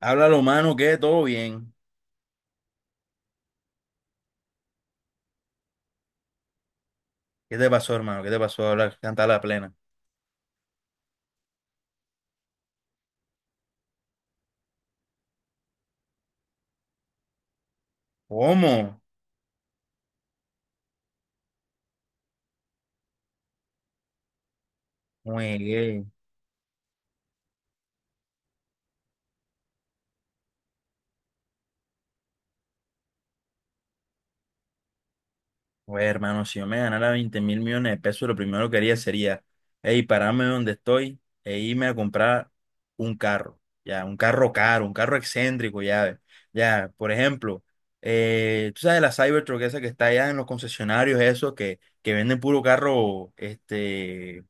Háblalo, mano, que todo bien. ¿Qué te pasó, hermano? ¿Qué te pasó? Habla, canta la plena. ¿Cómo? Muy bien. Pues, hermano, si yo me ganara 20 mil millones de pesos, lo primero que haría sería, hey, pararme donde estoy e irme a comprar un carro. Ya, un carro caro, un carro excéntrico, ya. Ve. Ya, por ejemplo, tú sabes la Cybertruck esa que está allá en los concesionarios, esos que venden puro carro,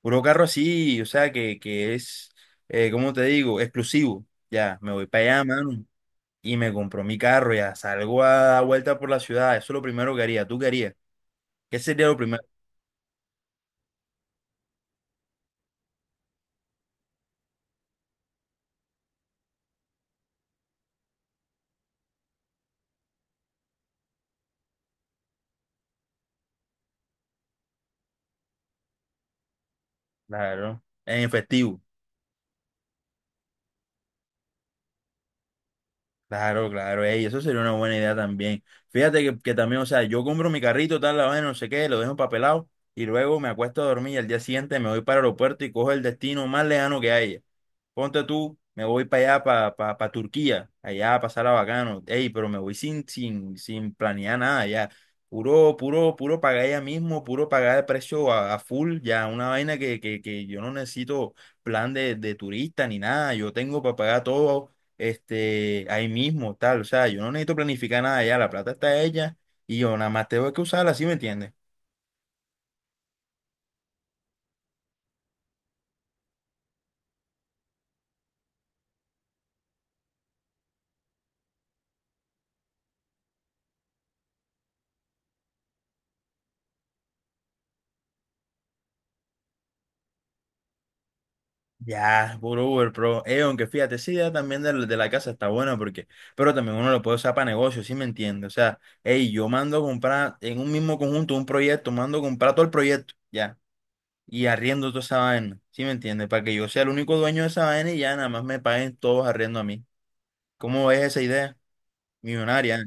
puro carro así, o sea, que es, ¿cómo te digo? Exclusivo. Ya, me voy para allá, mano, y me compro mi carro, ya salgo a dar vuelta por la ciudad. Eso es lo primero que haría. ¿Tú qué harías? ¿Qué sería lo primero? Claro, en efectivo. Claro, claro, ey, eso sería una buena idea también. Fíjate que también, o sea, yo compro mi carrito, tal, la vaina, no sé qué, lo dejo papelado y luego me acuesto a dormir y al día siguiente me voy para el aeropuerto y cojo el destino más lejano que haya. Ponte tú, me voy para allá, para pa, pa- pa Turquía, allá a pasar a bacano. Ey, pero me voy sin planear nada, ya. Puro pagar ya mismo, puro pagar el precio a full, ya. Una vaina que yo no necesito plan de turista ni nada. Yo tengo para pagar todo ahí mismo, tal. O sea, yo no necesito planificar nada ya. La plata está hecha y yo nada más tengo que usarla, ¿sí me entiendes? Ya, puro Uber Pro. Aunque fíjate, esa idea también de la casa está buena porque, pero también uno lo puede usar para negocios, ¿sí me entiende? O sea, hey, yo mando a comprar en un mismo conjunto un proyecto, mando a comprar todo el proyecto, ya, y arriendo toda esa vaina, ¿sí me entiende? Para que yo sea el único dueño de esa vaina y ya nada más me paguen todos arriendo a mí. ¿Cómo ves esa idea? Millonaria, ¿eh?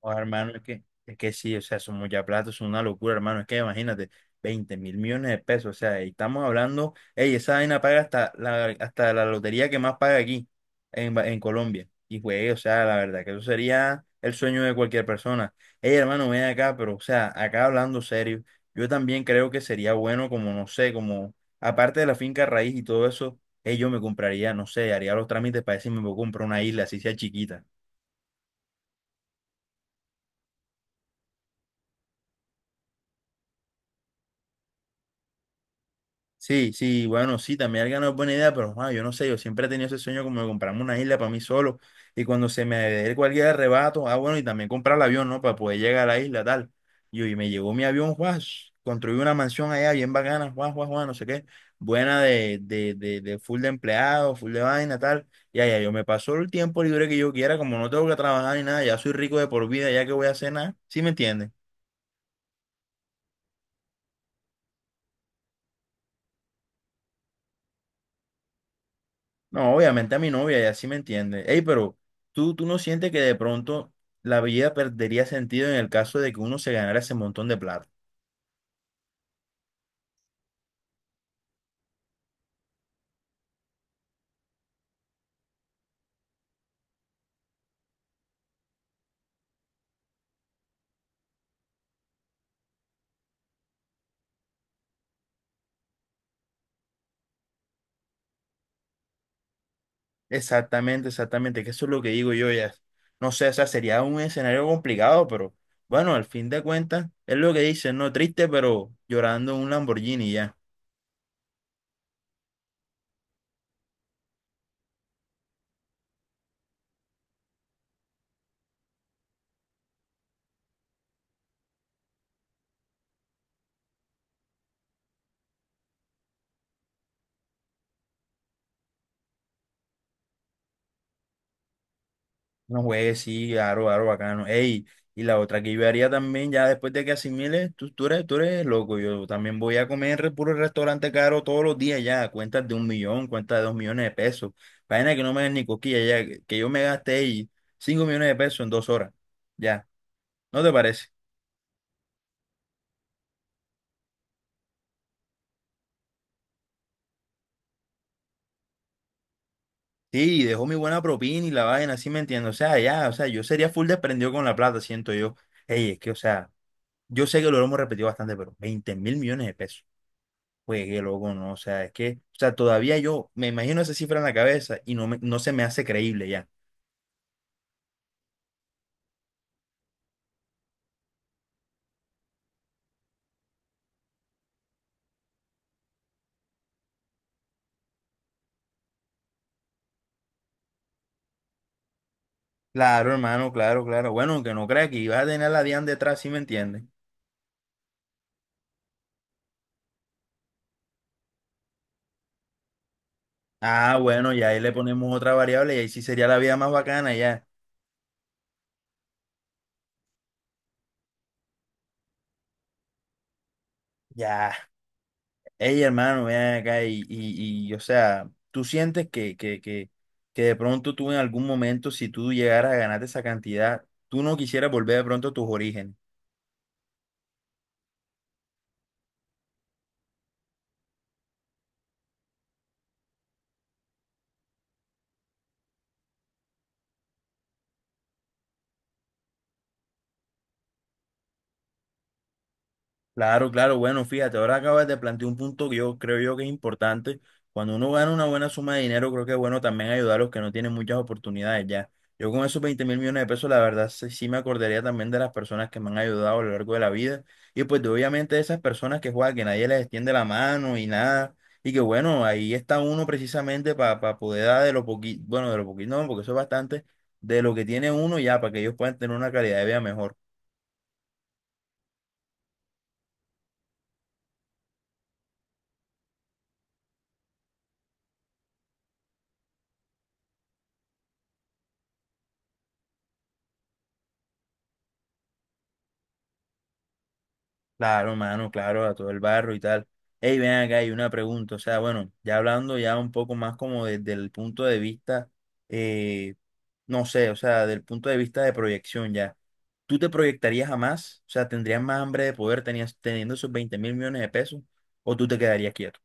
Oh, hermano, es que sí, o sea, son mucha plata, es una locura, hermano. Es que imagínate, 20 mil millones de pesos, o sea, y estamos hablando, ey, esa vaina paga hasta la lotería que más paga aquí, en, en Colombia. Y, güey, o sea, la verdad, que eso sería el sueño de cualquier persona. Ey, hermano, ven acá, pero, o sea, acá hablando serio, yo también creo que sería bueno, como, no sé, como, aparte de la finca raíz y todo eso, ey, yo me compraría, no sé, haría los trámites para decirme si me puedo comprar una isla, así sea chiquita. Sí, sí, bueno, sí, también el ganado es buena idea, pero ah, yo no sé, yo siempre he tenido ese sueño como de comprarme una isla para mí solo y cuando se me dé cualquier arrebato, ah, bueno, y también comprar el avión, ¿no? Para poder llegar a la isla, tal. Y me llegó mi avión, Juan, construí una mansión allá bien bacana, Juan, no sé qué, buena de full de empleados, full de vaina, tal. Y allá yo me paso el tiempo libre que yo quiera, como no tengo que trabajar ni nada, ya soy rico de por vida, ya que voy a hacer nada, ¿sí me entiendes? No, obviamente a mi novia, ella sí me entiende. Ey, pero ¿tú no sientes que de pronto la vida perdería sentido en el caso de que uno se ganara ese montón de plata? Exactamente, exactamente, que eso es lo que digo yo ya. No sé, o sea, sería un escenario complicado, pero bueno, al fin de cuentas, es lo que dicen, no triste, pero llorando en un Lamborghini ya. No juegues, sí, claro, claro, bacano. Ey, y la otra que yo haría también, ya después de que asimiles, tú eres loco. Yo también voy a comer puro restaurante caro todos los días ya. Cuentas de un millón, cuentas de dos millones de pesos. Vaina que no me den ni cosquillas ya. Que yo me gasté ahí cinco millones de pesos en dos horas. Ya, ¿no te parece? Sí, dejó mi buena propina y la vaina, así me entiendo. O sea, ya, o sea, yo sería full desprendido con la plata, siento yo. Ey, es que, o sea, yo sé que lo hemos repetido bastante, pero 20 mil millones de pesos. Pues que loco, ¿no? O sea, todavía yo me imagino esa cifra en la cabeza y no, no se me hace creíble ya. Claro, hermano, claro, claro. Bueno, que no crea que iba a tener la DIAN detrás, ¿sí me entiendes? Ah, bueno, ya ahí le ponemos otra variable y ahí sí sería la vida más bacana, ya. Ya. Ey, hermano, ven acá y, o sea, tú sientes que, que de pronto tú en algún momento, si tú llegaras a ganarte esa cantidad, tú no quisieras volver de pronto a tus orígenes. Claro, claro, bueno, fíjate, ahora acabas de plantear un punto que yo creo yo que es importante. Cuando uno gana una buena suma de dinero, creo que es bueno también ayudar a los que no tienen muchas oportunidades ya. Yo con esos 20 mil millones de pesos, la verdad, sí, sí me acordaría también de las personas que me han ayudado a lo largo de la vida. Y pues de, obviamente de esas personas que juegan, que nadie les extiende la mano y nada. Y que bueno, ahí está uno precisamente para poder dar de lo poquito, bueno, de lo poquito, no, porque eso es bastante, de lo que tiene uno ya, para que ellos puedan tener una calidad de vida mejor. Claro, mano, claro, a todo el barro y tal. Ey, ven acá, hay una pregunta. O sea, bueno, ya hablando ya un poco más como desde el punto de vista, eh, no sé, o sea, del punto de vista de proyección ya. ¿Tú te proyectarías a más? O sea, ¿tendrías más hambre de poder tenías, teniendo esos 20 mil millones de pesos? ¿O tú te quedarías quieto?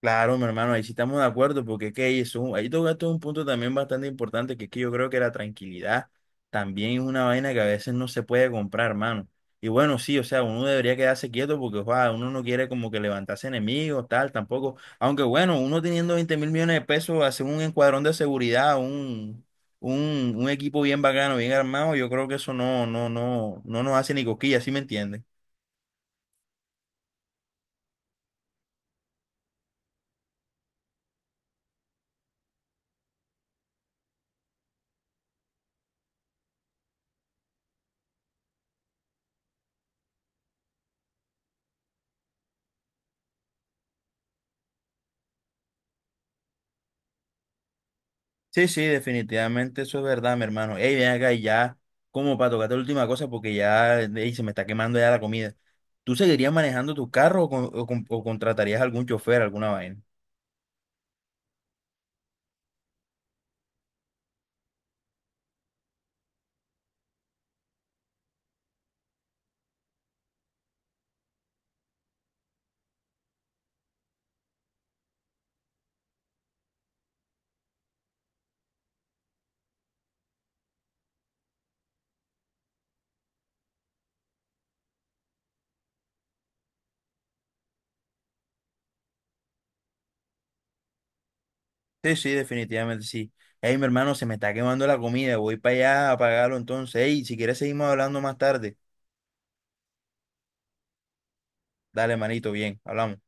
Claro, mi hermano, ahí sí estamos de acuerdo, porque es que ahí, ahí tocaste un punto también bastante importante, que es que yo creo que la tranquilidad también es una vaina que a veces no se puede comprar, hermano. Y bueno, sí, o sea, uno debería quedarse quieto porque joda, uno no quiere como que levantarse enemigos, tal, tampoco. Aunque bueno, uno teniendo 20 mil millones de pesos, hacer un encuadrón de seguridad, un equipo bien bacano, bien armado, yo creo que eso no nos hace ni cosquillas, ¿sí me entiendes? Sí, sí, definitivamente eso es verdad, mi hermano. Ey, ven acá y ya, como para tocarte la última cosa, porque ya ey, se me está quemando ya la comida. ¿Tú seguirías manejando tu carro o contratarías algún chofer, alguna vaina? Sí, sí, definitivamente sí. Ey, mi hermano, se me está quemando la comida, voy para allá a pagarlo entonces. Ey, si quieres seguimos hablando más tarde. Dale, manito, bien, hablamos.